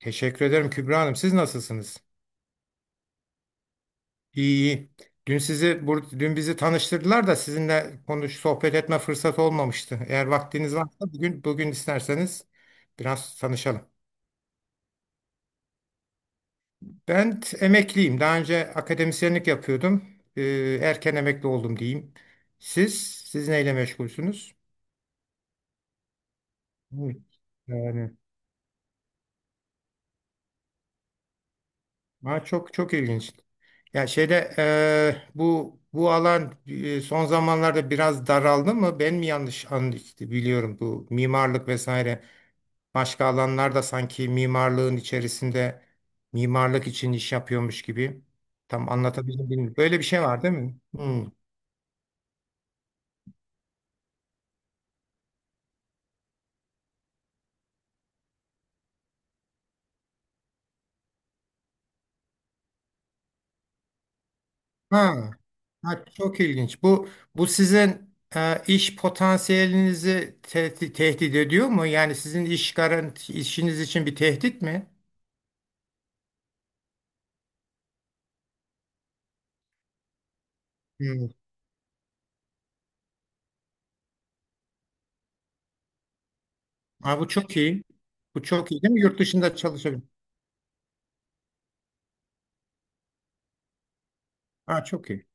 Teşekkür ederim Kübra Hanım. Siz nasılsınız? İyi iyi. Dün bizi tanıştırdılar da sizinle sohbet etme fırsatı olmamıştı. Eğer vaktiniz varsa bugün isterseniz biraz tanışalım. Ben emekliyim. Daha önce akademisyenlik yapıyordum. Erken emekli oldum diyeyim. Siz neyle meşgulsünüz? Hı. Yani. Ha, çok çok ilginç. Ya şeyde bu alan son zamanlarda biraz daraldı mı? Ben mi yanlış anladım, biliyorum bu mimarlık vesaire başka alanlarda sanki mimarlığın içerisinde mimarlık için iş yapıyormuş gibi. Tam anlatabildim bilmiyorum. Böyle bir şey var değil mi? Hmm. Ha. Ha, çok ilginç. Bu sizin iş potansiyelinizi tehdit ediyor mu? Yani sizin iş garanti işiniz için bir tehdit mi? Ha, bu çok iyi. Bu çok iyi değil mi? Yurt dışında çalışabilir. Ha, çok iyi.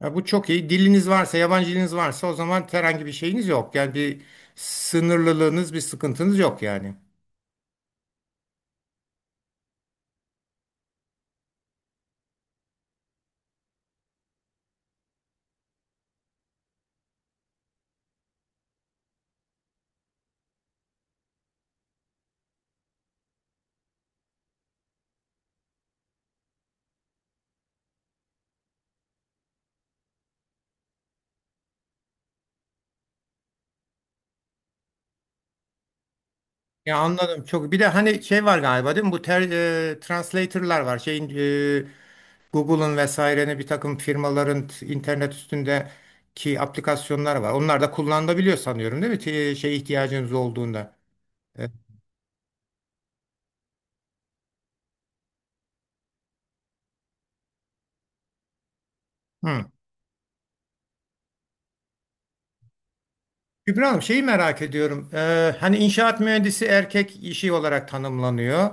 Ha, bu çok iyi. Diliniz varsa, yabancı diliniz varsa o zaman herhangi bir şeyiniz yok. Yani bir sınırlılığınız, bir sıkıntınız yok yani. Ya anladım çok. Bir de hani şey var galiba değil mi? Translator'lar var. Şeyin, Google'ın, vesairenin, bir takım firmaların internet üstündeki aplikasyonlar var. Onlar da kullanılabiliyor sanıyorum değil mi? Şey ihtiyacınız olduğunda. E, Hı. Kübra Hanım şeyi merak ediyorum. Hani inşaat mühendisi erkek işi olarak tanımlanıyor.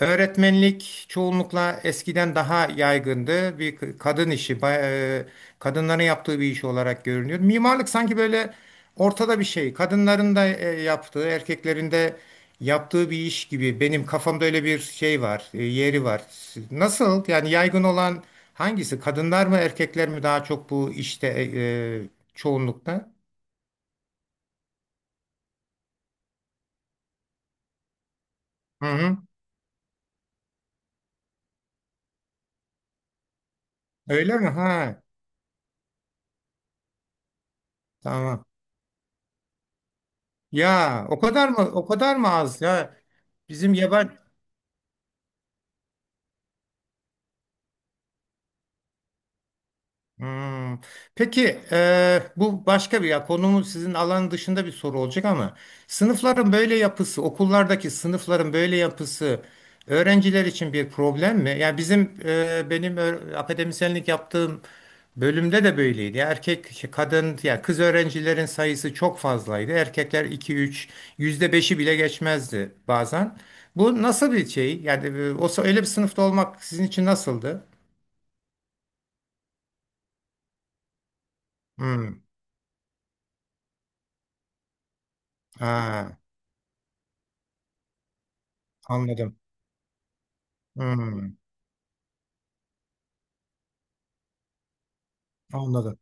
Öğretmenlik çoğunlukla eskiden daha yaygındı. Bir kadın işi, e, kadınların yaptığı bir iş olarak görünüyor. Mimarlık sanki böyle ortada bir şey. Kadınların da yaptığı, erkeklerin de yaptığı bir iş gibi. Benim kafamda öyle bir şey var, yeri var. Nasıl? Yani yaygın olan hangisi? Kadınlar mı, erkekler mi daha çok bu işte e, çoğunlukta? Hı hı. Öyle mi? Ha, tamam. Ya o kadar mı? O kadar mı az? Ya bizim yaban Hmm. Peki, bu başka bir, ya konumun sizin alan dışında bir soru olacak ama sınıfların böyle yapısı, okullardaki sınıfların böyle yapısı öğrenciler için bir problem mi? Yani bizim benim akademisyenlik yaptığım bölümde de böyleydi. Ya erkek, şey, kadın, ya kız öğrencilerin sayısı çok fazlaydı. Erkekler iki üç, %5'i bile geçmezdi bazen. Bu nasıl bir şey? Yani olsa öyle bir sınıfta olmak sizin için nasıldı? Hmm. Ha, anladım. Hmm, anladım.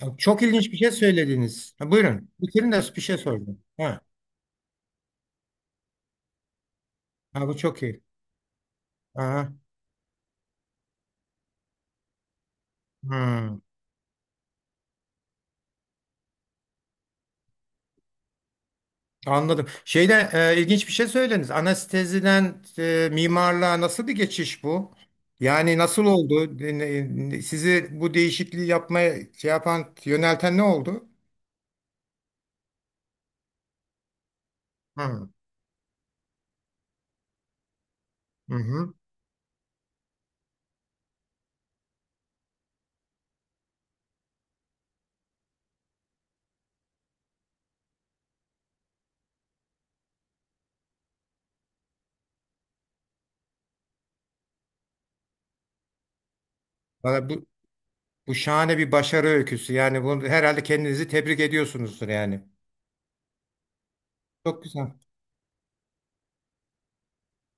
Ya, çok ilginç bir şey söylediniz. Ha, buyurun. Bitirin de bir şey sordum. Ha, ha, bu çok iyi. Aha, hmm, anladım. Şeyde ilginç bir şey söylediniz. Anesteziden mimarlığa nasıl bir geçiş bu? Yani nasıl oldu? Sizi bu değişikliği yapmaya şey yapan, yönelten ne oldu? Hı hı. Hı. Valla, bu şahane bir başarı öyküsü. Yani bunu herhalde kendinizi tebrik ediyorsunuzdur yani. Çok güzel.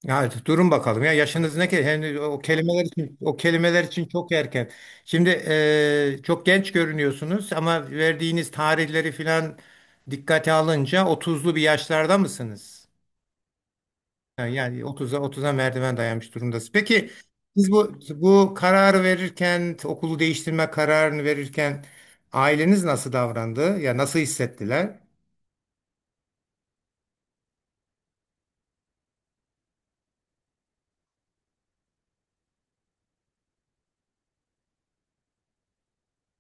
Ya durun bakalım, ya yaşınız ne ki? Hani o kelimeler için çok erken. Şimdi çok genç görünüyorsunuz ama verdiğiniz tarihleri filan dikkate alınca otuzlu bir yaşlarda mısınız? Yani 30'a merdiven dayanmış durumdasınız. Peki siz bu kararı verirken, okulu değiştirme kararını verirken aileniz nasıl davrandı? Ya nasıl hissettiler?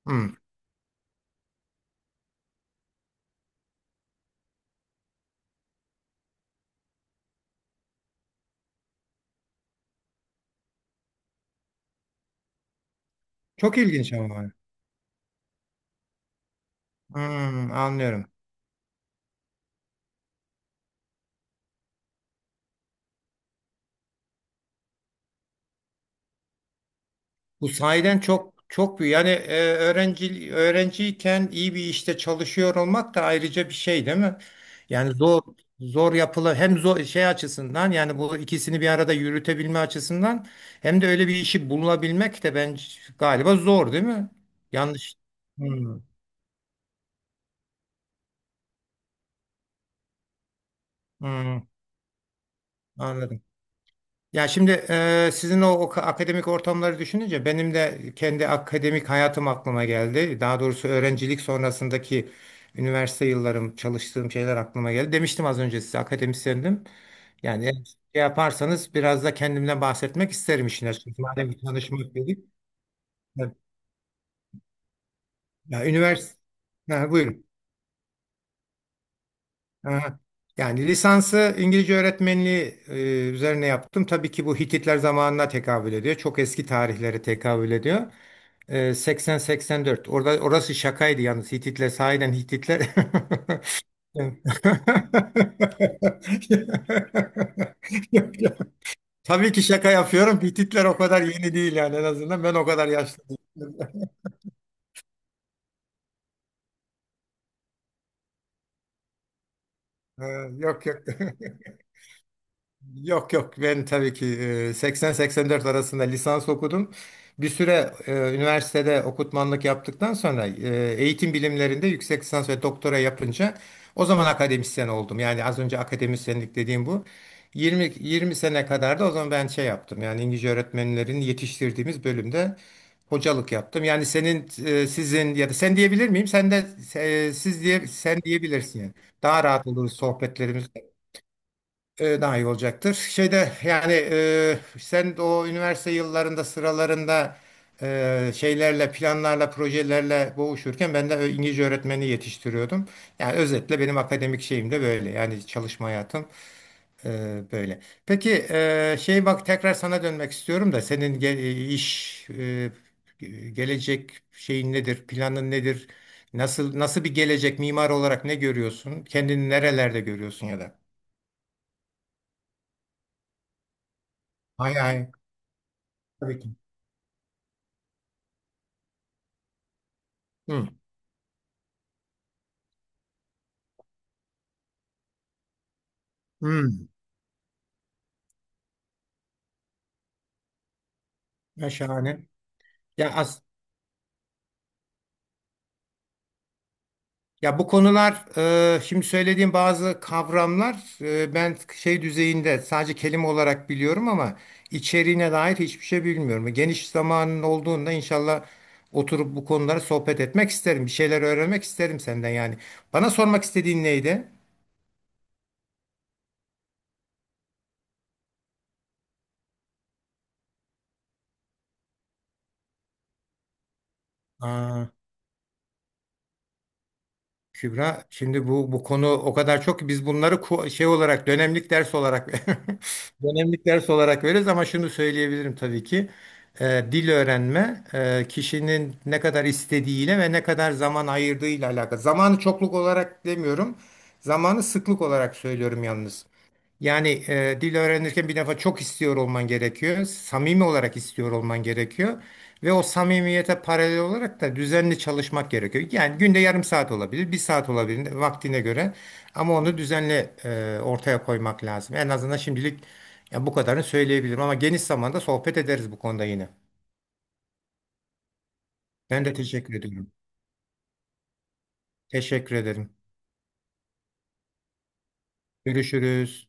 Hmm. Çok ilginç ama. Hmm, anlıyorum. Bu sahiden çok çok büyük. Yani öğrenciyken iyi bir işte çalışıyor olmak da ayrıca bir şey değil mi? Yani zor yapılı, hem zor şey açısından, yani bu ikisini bir arada yürütebilme açısından, hem de öyle bir işi bulabilmek de ben galiba zor değil mi? Yanlış. Hmm, hmm, anladım. Ya şimdi sizin o akademik ortamları düşününce benim de kendi akademik hayatım aklıma geldi. Daha doğrusu öğrencilik sonrasındaki üniversite yıllarım, çalıştığım şeyler aklıma geldi. Demiştim az önce size akademisyendim. Yani eğer şey yaparsanız biraz da kendimden bahsetmek isterim işin açıkçası. Madem bir tanışmak dedik. Ya, üniversite. Ha, buyurun. Aha. Yani lisansı İngilizce öğretmenliği üzerine yaptım. Tabii ki bu Hititler zamanına tekabül ediyor. Çok eski tarihlere tekabül ediyor. 80-84. Orası şakaydı yalnız. Hititler, sahiden Hititler. Tabii ki şaka yapıyorum. Hititler o kadar yeni değil yani, en azından ben o kadar yaşlı değilim. E, Yok yok. Yok yok, ben tabii ki 80-84 arasında lisans okudum. Bir süre üniversitede okutmanlık yaptıktan sonra eğitim bilimlerinde yüksek lisans ve doktora yapınca o zaman akademisyen oldum. Yani az önce akademisyenlik dediğim bu. 20 sene kadar da o zaman ben şey yaptım. Yani İngilizce öğretmenlerin yetiştirdiğimiz bölümde hocalık yaptım. Yani senin, sizin, ya da sen diyebilir miyim? Sen de siz diye sen diyebilirsin, yani. Daha rahat olur sohbetlerimiz, daha iyi olacaktır. Şeyde yani sen o üniversite yıllarında, sıralarında, şeylerle, planlarla, projelerle boğuşurken ben de İngilizce öğretmeni yetiştiriyordum. Yani özetle benim akademik şeyim de böyle. Yani çalışma hayatım böyle. Peki, şey, bak, tekrar sana dönmek istiyorum da senin iş, gelecek şeyin nedir, planın nedir? Nasıl bir gelecek mimar olarak ne görüyorsun? Kendini nerelerde görüyorsun ya da? Hay hay. Tabii ki. Hı, hı. Ya şahane. Ya as ya bu konular, şimdi söylediğim bazı kavramlar, ben şey düzeyinde sadece kelime olarak biliyorum ama içeriğine dair hiçbir şey bilmiyorum. Geniş zamanın olduğunda inşallah oturup bu konuları sohbet etmek isterim. Bir şeyler öğrenmek isterim senden yani. Bana sormak istediğin neydi? Aa. Kübra, şimdi bu konu o kadar çok ki biz bunları şey olarak, dönemlik ders olarak dönemlik ders olarak veririz ama şunu söyleyebilirim tabii ki. Dil öğrenme kişinin ne kadar istediğiyle ve ne kadar zaman ayırdığıyla alakalı. Zamanı çokluk olarak demiyorum, zamanı sıklık olarak söylüyorum yalnız. Yani dil öğrenirken bir defa çok istiyor olman gerekiyor. Samimi olarak istiyor olman gerekiyor. Ve o samimiyete paralel olarak da düzenli çalışmak gerekiyor. Yani günde yarım saat olabilir, bir saat olabilir vaktine göre. Ama onu düzenli ortaya koymak lazım. En azından şimdilik ya bu kadarını söyleyebilirim. Ama geniş zamanda sohbet ederiz bu konuda yine. Ben de teşekkür ediyorum. Teşekkür ederim. Görüşürüz.